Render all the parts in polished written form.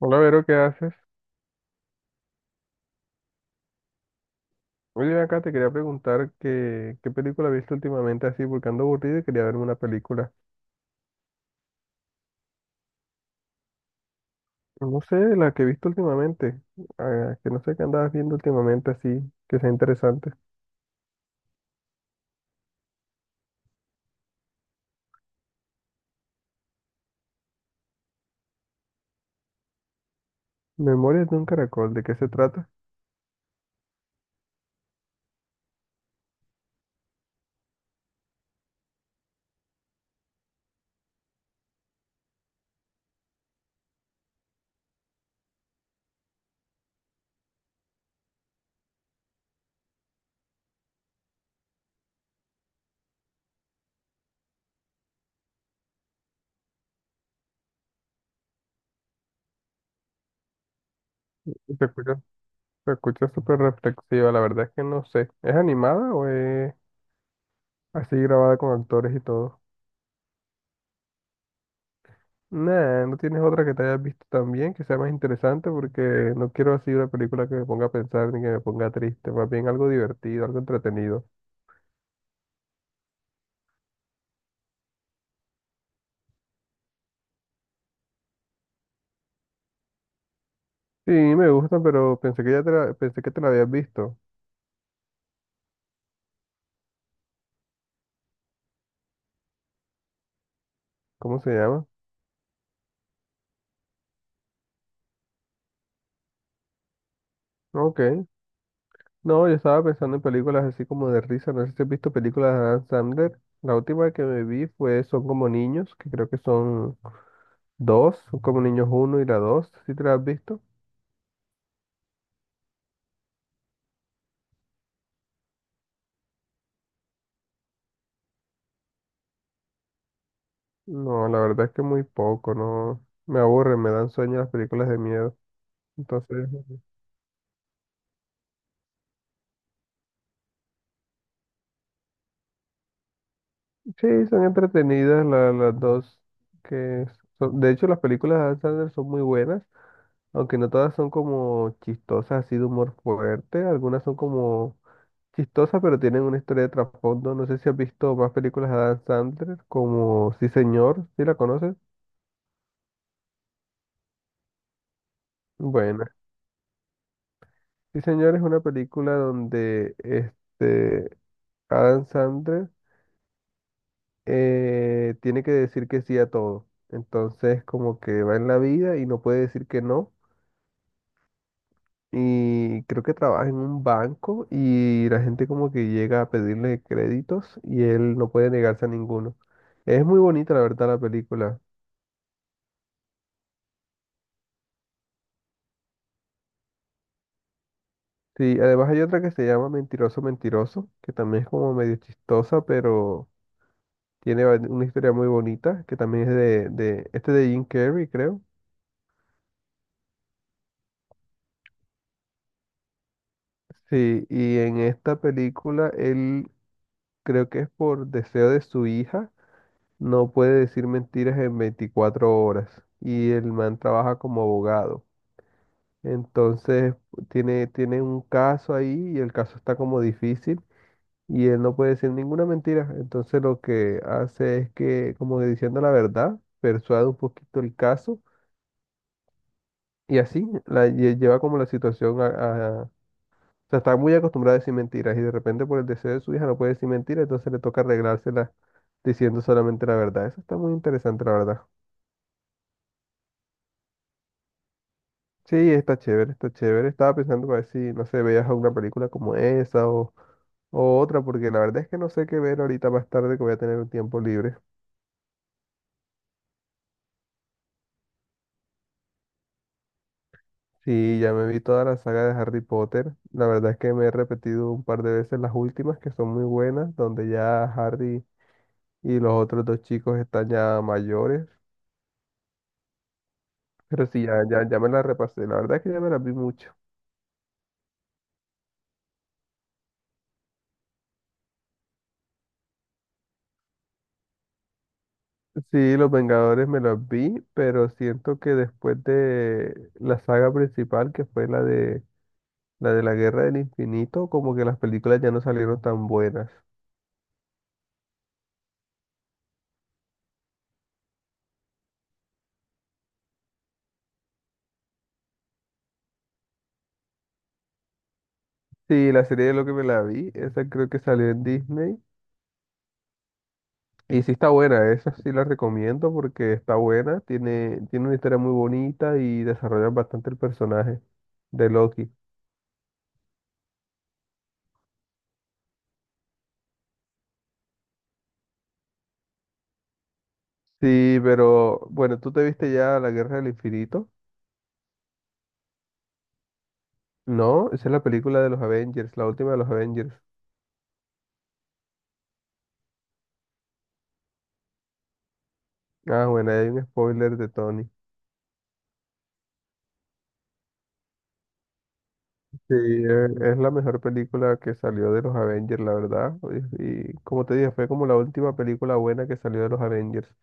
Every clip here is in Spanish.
Hola, Vero, ¿qué haces? Oye, acá te quería preguntar qué película has visto últimamente así, porque ando aburrido y quería verme una película. No sé, la que he visto últimamente, que no sé qué andabas viendo últimamente así, que sea interesante. Memorias de un caracol, ¿de qué se trata? Se escucha, se escucha súper reflexiva, la verdad es que no sé. ¿Es animada o es así grabada con actores y todo? Nah, no tienes otra que te hayas visto también que sea más interesante porque no quiero así una película que me ponga a pensar ni que me ponga triste, más bien algo divertido, algo entretenido. Sí, me gusta, pero pensé que te la habías visto. ¿Cómo se llama? Ok. No, yo estaba pensando en películas así como de risa. No sé si has visto películas de Adam Sandler. La última que me vi fue Son como niños, que creo que son dos, Son como niños uno y la dos. ¿Sí te la has visto? No, la verdad es que muy poco, no. Me aburren, me dan sueño las películas de miedo. Entonces, sí, son entretenidas las dos. Que de hecho, las películas de Adam Sandler son muy buenas, aunque no todas son como chistosas, así de humor fuerte. Algunas son como chistosas, pero tienen una historia de trasfondo. No sé si has visto más películas de Adam Sandler, como Sí, señor, ¿sí la conoces? Bueno, Sí, señor es una película donde este Adam Sandler tiene que decir que sí a todo. Entonces, como que va en la vida y no puede decir que no. Y creo que trabaja en un banco y la gente como que llega a pedirle créditos y él no puede negarse a ninguno. Es muy bonita la verdad la película. Sí, además hay otra que se llama Mentiroso Mentiroso, que también es como medio chistosa, pero tiene una historia muy bonita, que también es de este de Jim Carrey, creo. Sí, y en esta película él creo que es por deseo de su hija, no puede decir mentiras en 24 horas y el man trabaja como abogado. Entonces tiene un caso ahí y el caso está como difícil y él no puede decir ninguna mentira. Entonces lo que hace es que, como que diciendo la verdad, persuade un poquito el caso y así la lleva como la situación o sea, está muy acostumbrada a decir mentiras y de repente por el deseo de su hija no puede decir mentiras, entonces le toca arreglársela diciendo solamente la verdad. Eso está muy interesante, la verdad. Sí, está chévere, está chévere. Estaba pensando para ver si, no sé, veías alguna película como esa o... O otra, porque la verdad es que no sé qué ver ahorita más tarde que voy a tener un tiempo libre. Sí, ya me vi toda la saga de Harry Potter. La verdad es que me he repetido un par de veces las últimas, que son muy buenas, donde ya Harry y los otros dos chicos están ya mayores. Pero sí, ya, ya, ya me las repasé. La verdad es que ya me las vi mucho. Sí, Los Vengadores me los vi, pero siento que después de la saga principal, que fue la de la Guerra del Infinito, como que las películas ya no salieron tan buenas. Sí, la serie de lo que me la vi, esa creo que salió en Disney. Y sí está buena, esa sí la recomiendo porque está buena, tiene una historia muy bonita y desarrollan bastante el personaje de Loki. Sí, pero bueno, tú te viste ya La Guerra del Infinito. No, esa es la película de los Avengers, la última de los Avengers. Ah, bueno, ahí hay un spoiler de Tony. Sí, es la mejor película que salió de los Avengers, la verdad. Y como te dije, fue como la última película buena que salió de los Avengers.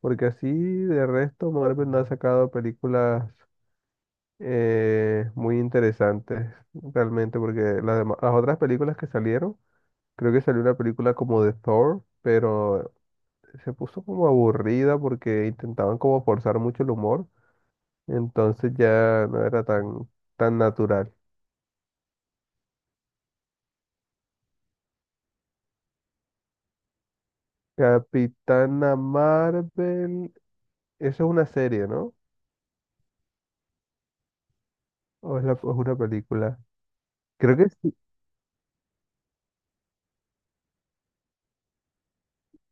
Porque así de resto Marvel no ha sacado películas muy interesantes realmente, porque las otras películas que salieron, creo que salió una película como de Thor, pero se puso como aburrida porque intentaban como forzar mucho el humor, entonces ya no era tan natural. Capitana Marvel, eso es una serie, ¿no? ¿O es una película? Creo que sí.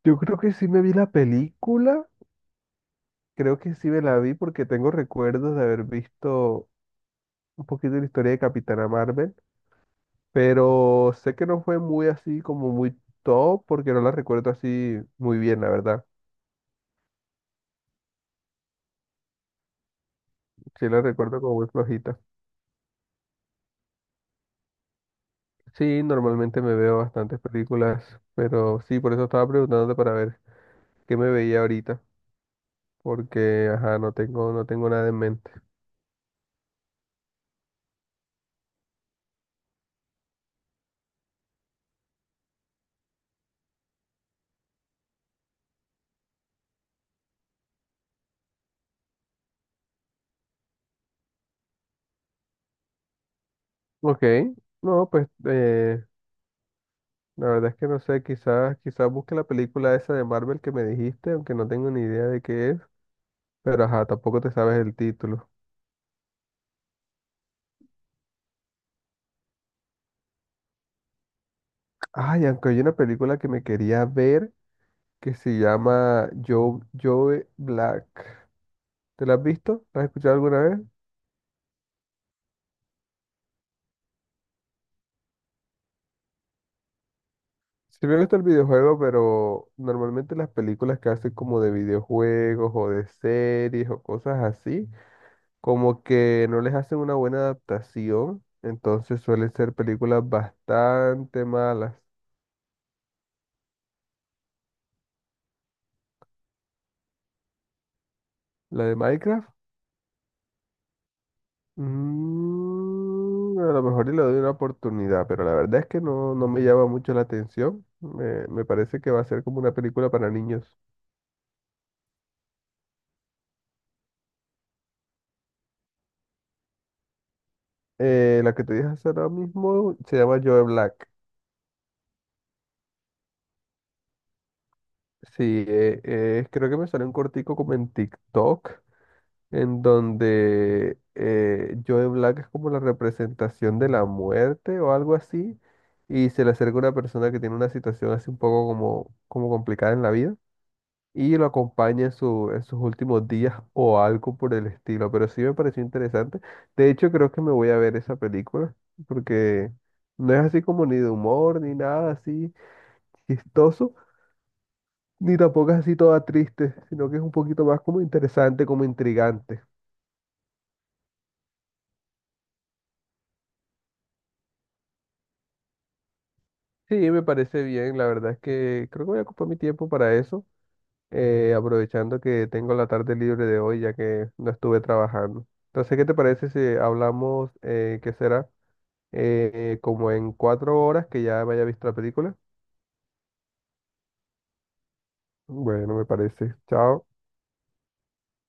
Yo creo que sí me vi la película. Creo que sí me la vi porque tengo recuerdos de haber visto un poquito de la historia de Capitana Marvel, pero sé que no fue muy así como muy top porque no la recuerdo así muy bien, la verdad. Sí la recuerdo como muy flojita. Sí, normalmente me veo bastantes películas, pero sí, por eso estaba preguntándote para ver qué me veía ahorita, porque ajá, no tengo nada en mente. Ok, no, pues la verdad es que no sé, quizás busque la película esa de Marvel que me dijiste, aunque no tengo ni idea de qué es. Pero ajá, tampoco te sabes el título. Ay, aunque hay una película que me quería ver que se llama Joe Black. ¿Te la has visto? ¿La has escuchado alguna vez? Sí me gusta el videojuego, pero normalmente las películas que hacen como de videojuegos o de series o cosas así, como que no les hacen una buena adaptación, entonces suelen ser películas bastante malas. La de Minecraft. Mm, a lo mejor y le doy una oportunidad, pero la verdad es que no, no me llama mucho la atención. Me parece que va a ser como una película para niños. La que te dije hace ahora mismo se llama Joe Black. Sí, creo que me salió un cortico como en TikTok, en donde Joe Black es como la representación de la muerte o algo así, y se le acerca una persona que tiene una situación así un poco como complicada en la vida, y lo acompaña en, en sus últimos días o algo por el estilo. Pero sí me pareció interesante. De hecho, creo que me voy a ver esa película porque no es así como ni de humor, ni nada así chistoso, ni tampoco es así toda triste, sino que es un poquito más como interesante, como intrigante. Sí, me parece bien. La verdad es que creo que voy a ocupar mi tiempo para eso, aprovechando que tengo la tarde libre de hoy ya que no estuve trabajando. Entonces, ¿qué te parece si hablamos, qué será, como en 4 horas que ya me haya visto la película? Bueno, me parece. Chao.